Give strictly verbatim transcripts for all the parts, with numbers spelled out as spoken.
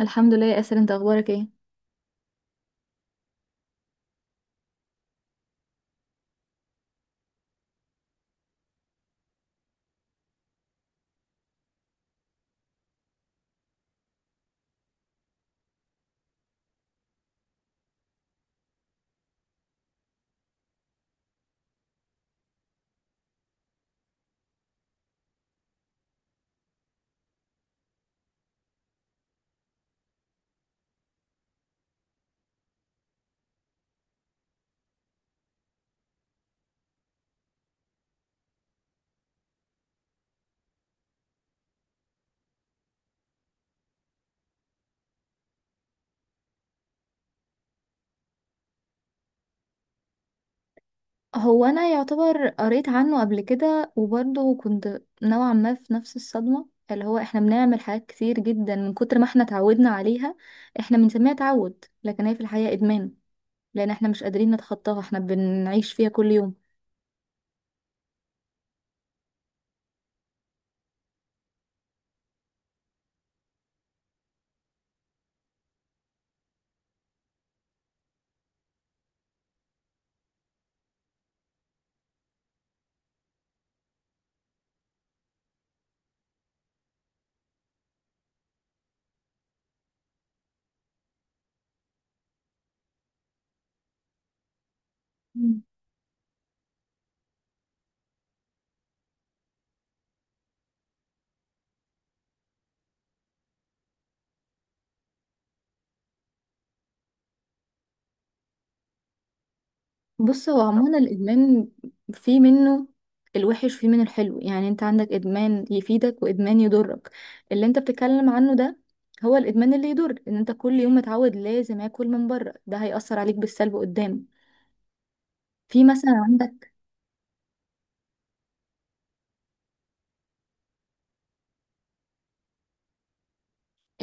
الحمد لله يا اسر، انت اخبارك ايه؟ هو انا يعتبر قريت عنه قبل كده، وبرضه كنت نوعا ما في نفس الصدمة، اللي هو احنا بنعمل حاجات كتير جدا من كتر ما احنا اتعودنا عليها. احنا بنسميها تعود، لكن هي في الحقيقة ادمان، لان احنا مش قادرين نتخطاها، احنا بنعيش فيها كل يوم. بص، هو عموما الادمان في منه الوحش، في منه الحلو. يعني انت عندك ادمان يفيدك وادمان يضرك. اللي انت بتتكلم عنه ده هو الادمان اللي يضر. ان انت كل يوم متعود لازم اكل من بره، ده هيأثر عليك بالسلب قدام. في مثلا عندك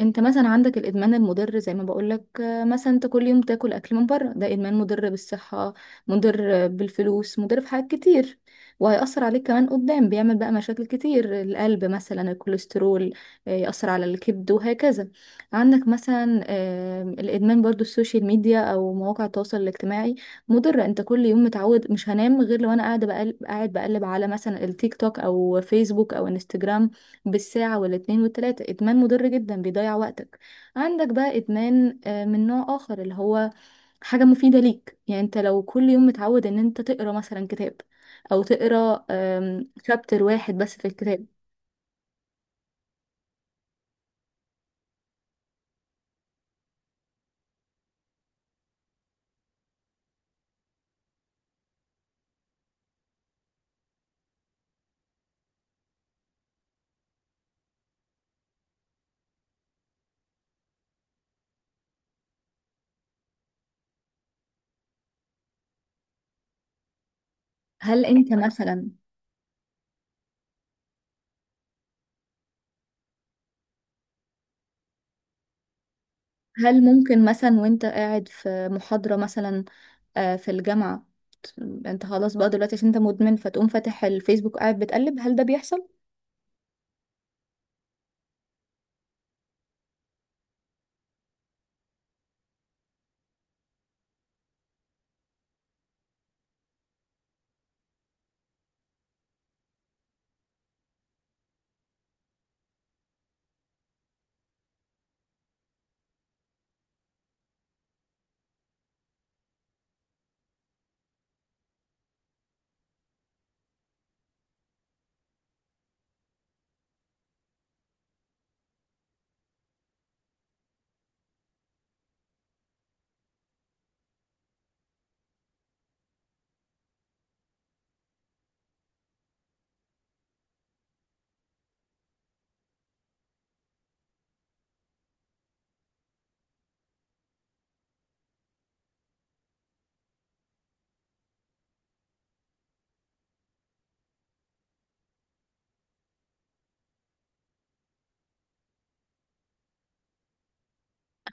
انت مثلا عندك الادمان المضر، زي ما بقولك، آه، مثلا انت كل يوم تاكل اكل من بره، ده ادمان مضر بالصحه، مضر بالفلوس، مضر في حاجات كتير. وهيأثر عليك كمان قدام، بيعمل بقى مشاكل كتير، القلب مثلا، الكوليسترول. آه، يأثر على الكبد وهكذا. عندك مثلا آه، الادمان برضو السوشيال ميديا او مواقع التواصل الاجتماعي. مضر، انت كل يوم متعود مش هنام غير لو انا قاعده بقلب قاعد بقلب على مثلا التيك توك او فيسبوك او انستجرام بالساعة والاتنين والتلاتة. إدمان مضر جدا، بيضيع وقتك. عندك بقى إدمان آه، من نوع آخر، اللي هو حاجة مفيدة ليك. يعني أنت لو كل يوم متعود إن أنت تقرأ مثلا كتاب، أو تقرأ شابتر واحد بس في الكتاب. هل أنت مثلا، هل ممكن مثلا وأنت قاعد في محاضرة مثلا، آه، في الجامعة، ت- أنت خلاص بقى دلوقتي عشان أنت مدمن فتقوم فاتح الفيسبوك قاعد بتقلب، هل ده بيحصل؟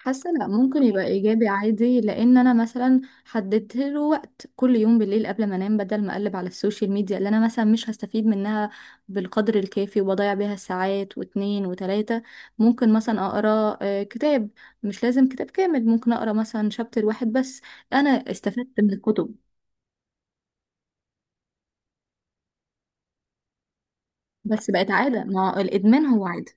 حاسه لا، ممكن يبقى ايجابي عادي، لان انا مثلا حددت له وقت كل يوم بالليل قبل ما انام. بدل ما اقلب على السوشيال ميديا اللي انا مثلا مش هستفيد منها بالقدر الكافي وبضيع بيها ساعات واتنين وتلاته، ممكن مثلا اقرا آه، كتاب. مش لازم كتاب كامل، ممكن اقرا مثلا شابتر واحد بس. انا استفدت من الكتب. بس بقت عاده، ما الادمان هو عاده.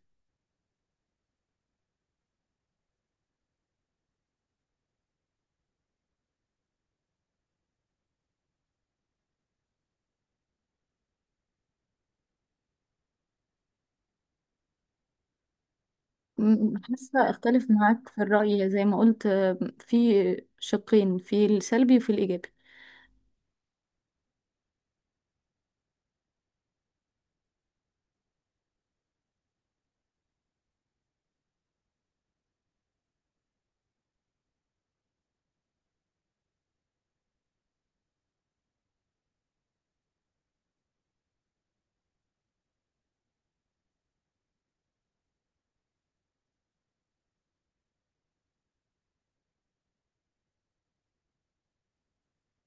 م- حاسه اختلف معاك في الراي، زي ما قلت، آه، في شقين، في السلبي وفي الايجابي.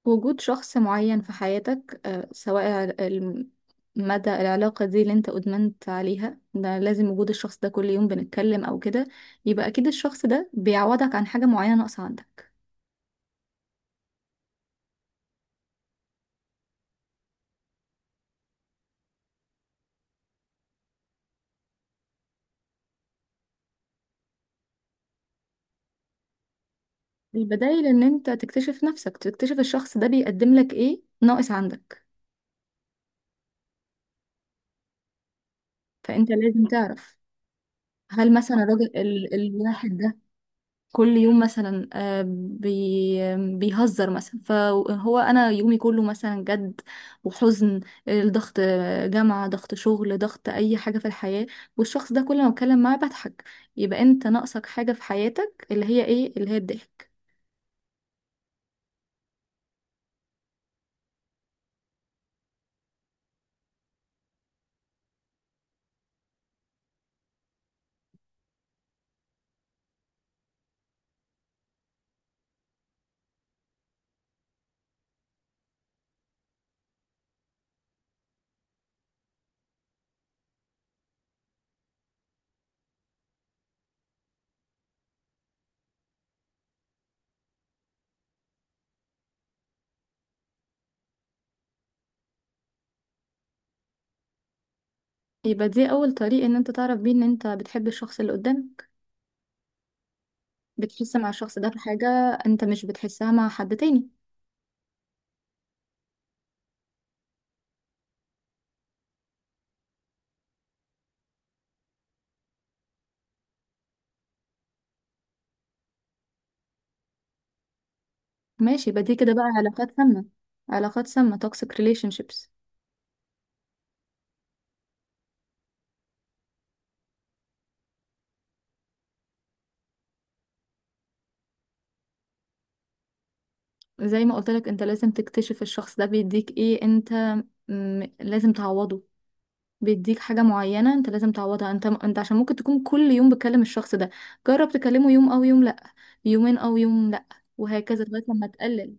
وجود شخص معين في حياتك، آه، سواء ال- ال- مدى العلاقة دي اللي انت ادمنت عليها، ده لازم وجود الشخص ده كل يوم بنتكلم او كده، يبقى اكيد الشخص ده بيعوضك عن حاجة معينة ناقصة عندك. البدايل ان انت تكتشف نفسك، تكتشف الشخص ده بيقدم لك ايه ناقص عندك. فانت لازم تعرف. هل مثلا الراجل ال- الواحد ده كل يوم مثلا آه، بي بيهزر مثلا، فهو انا يومي كله مثلا جد وحزن، الضغط، آه، جامعة ضغط، شغل ضغط، اي حاجة في الحياة، والشخص ده كل ما بتكلم معاه بضحك. يبقى انت ناقصك حاجة في حياتك اللي هي ايه؟ اللي هي الضحك. يبقى دي اول طريق ان انت تعرف بيه ان انت بتحب الشخص اللي قدامك. بتحس مع الشخص ده في حاجة انت مش بتحسها مع حد تاني. ماشي، يبقى دي كده بقى علاقات سامة، علاقات سامة، toxic relationships. زي ما قلت لك، انت لازم تكتشف الشخص ده بيديك ايه. انت م- لازم تعوضه، بيديك حاجة معينة انت لازم تعوضها. انت انت عشان ممكن تكون كل يوم بتكلم الشخص ده، جرب تكلمه يوم او يوم لا، يومين او يوم لا، وهكذا لغاية لما تقلل.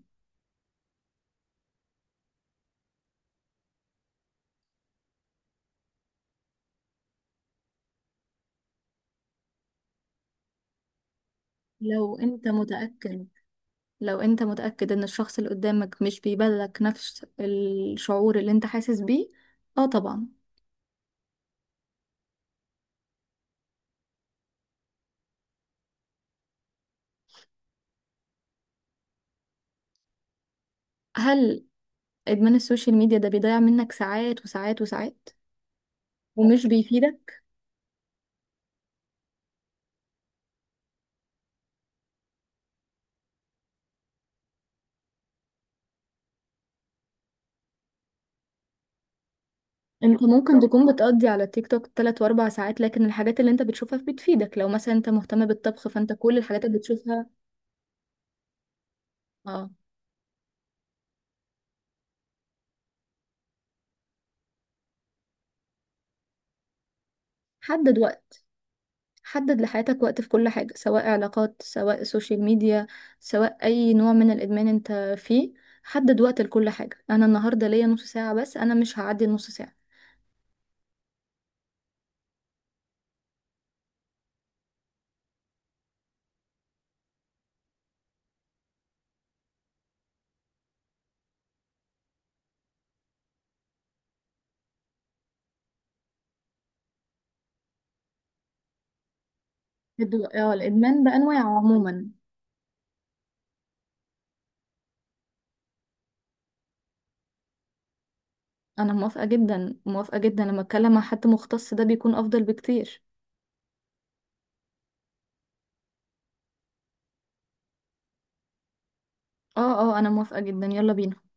لو انت متأكد لو انت متأكد ان الشخص اللي قدامك مش بيبادلك نفس الشعور اللي انت حاسس بيه، اه طبعا. هل ادمان السوشيال ميديا ده بيضيع منك ساعات وساعات وساعات ومش بيفيدك؟ انت ممكن تكون بتقضي على تيك توك تلات واربع ساعات، لكن الحاجات اللي انت بتشوفها بتفيدك لو مثلا انت مهتم بالطبخ، فانت كل الحاجات اللي بتشوفها. اه، حدد وقت، حدد لحياتك وقت في كل حاجة، سواء علاقات، سواء سوشيال ميديا، سواء اي نوع من الادمان انت فيه. حدد وقت لكل حاجة. انا النهاردة ليا نص ساعة بس، انا مش هعدي النص ساعة. الدو- اه الادمان بانواعه عموما. انا موافقة جدا، موافقة جدا، لما اتكلم مع حد مختص ده بيكون افضل بكتير. اه اه، انا موافقة جدا، يلا بينا.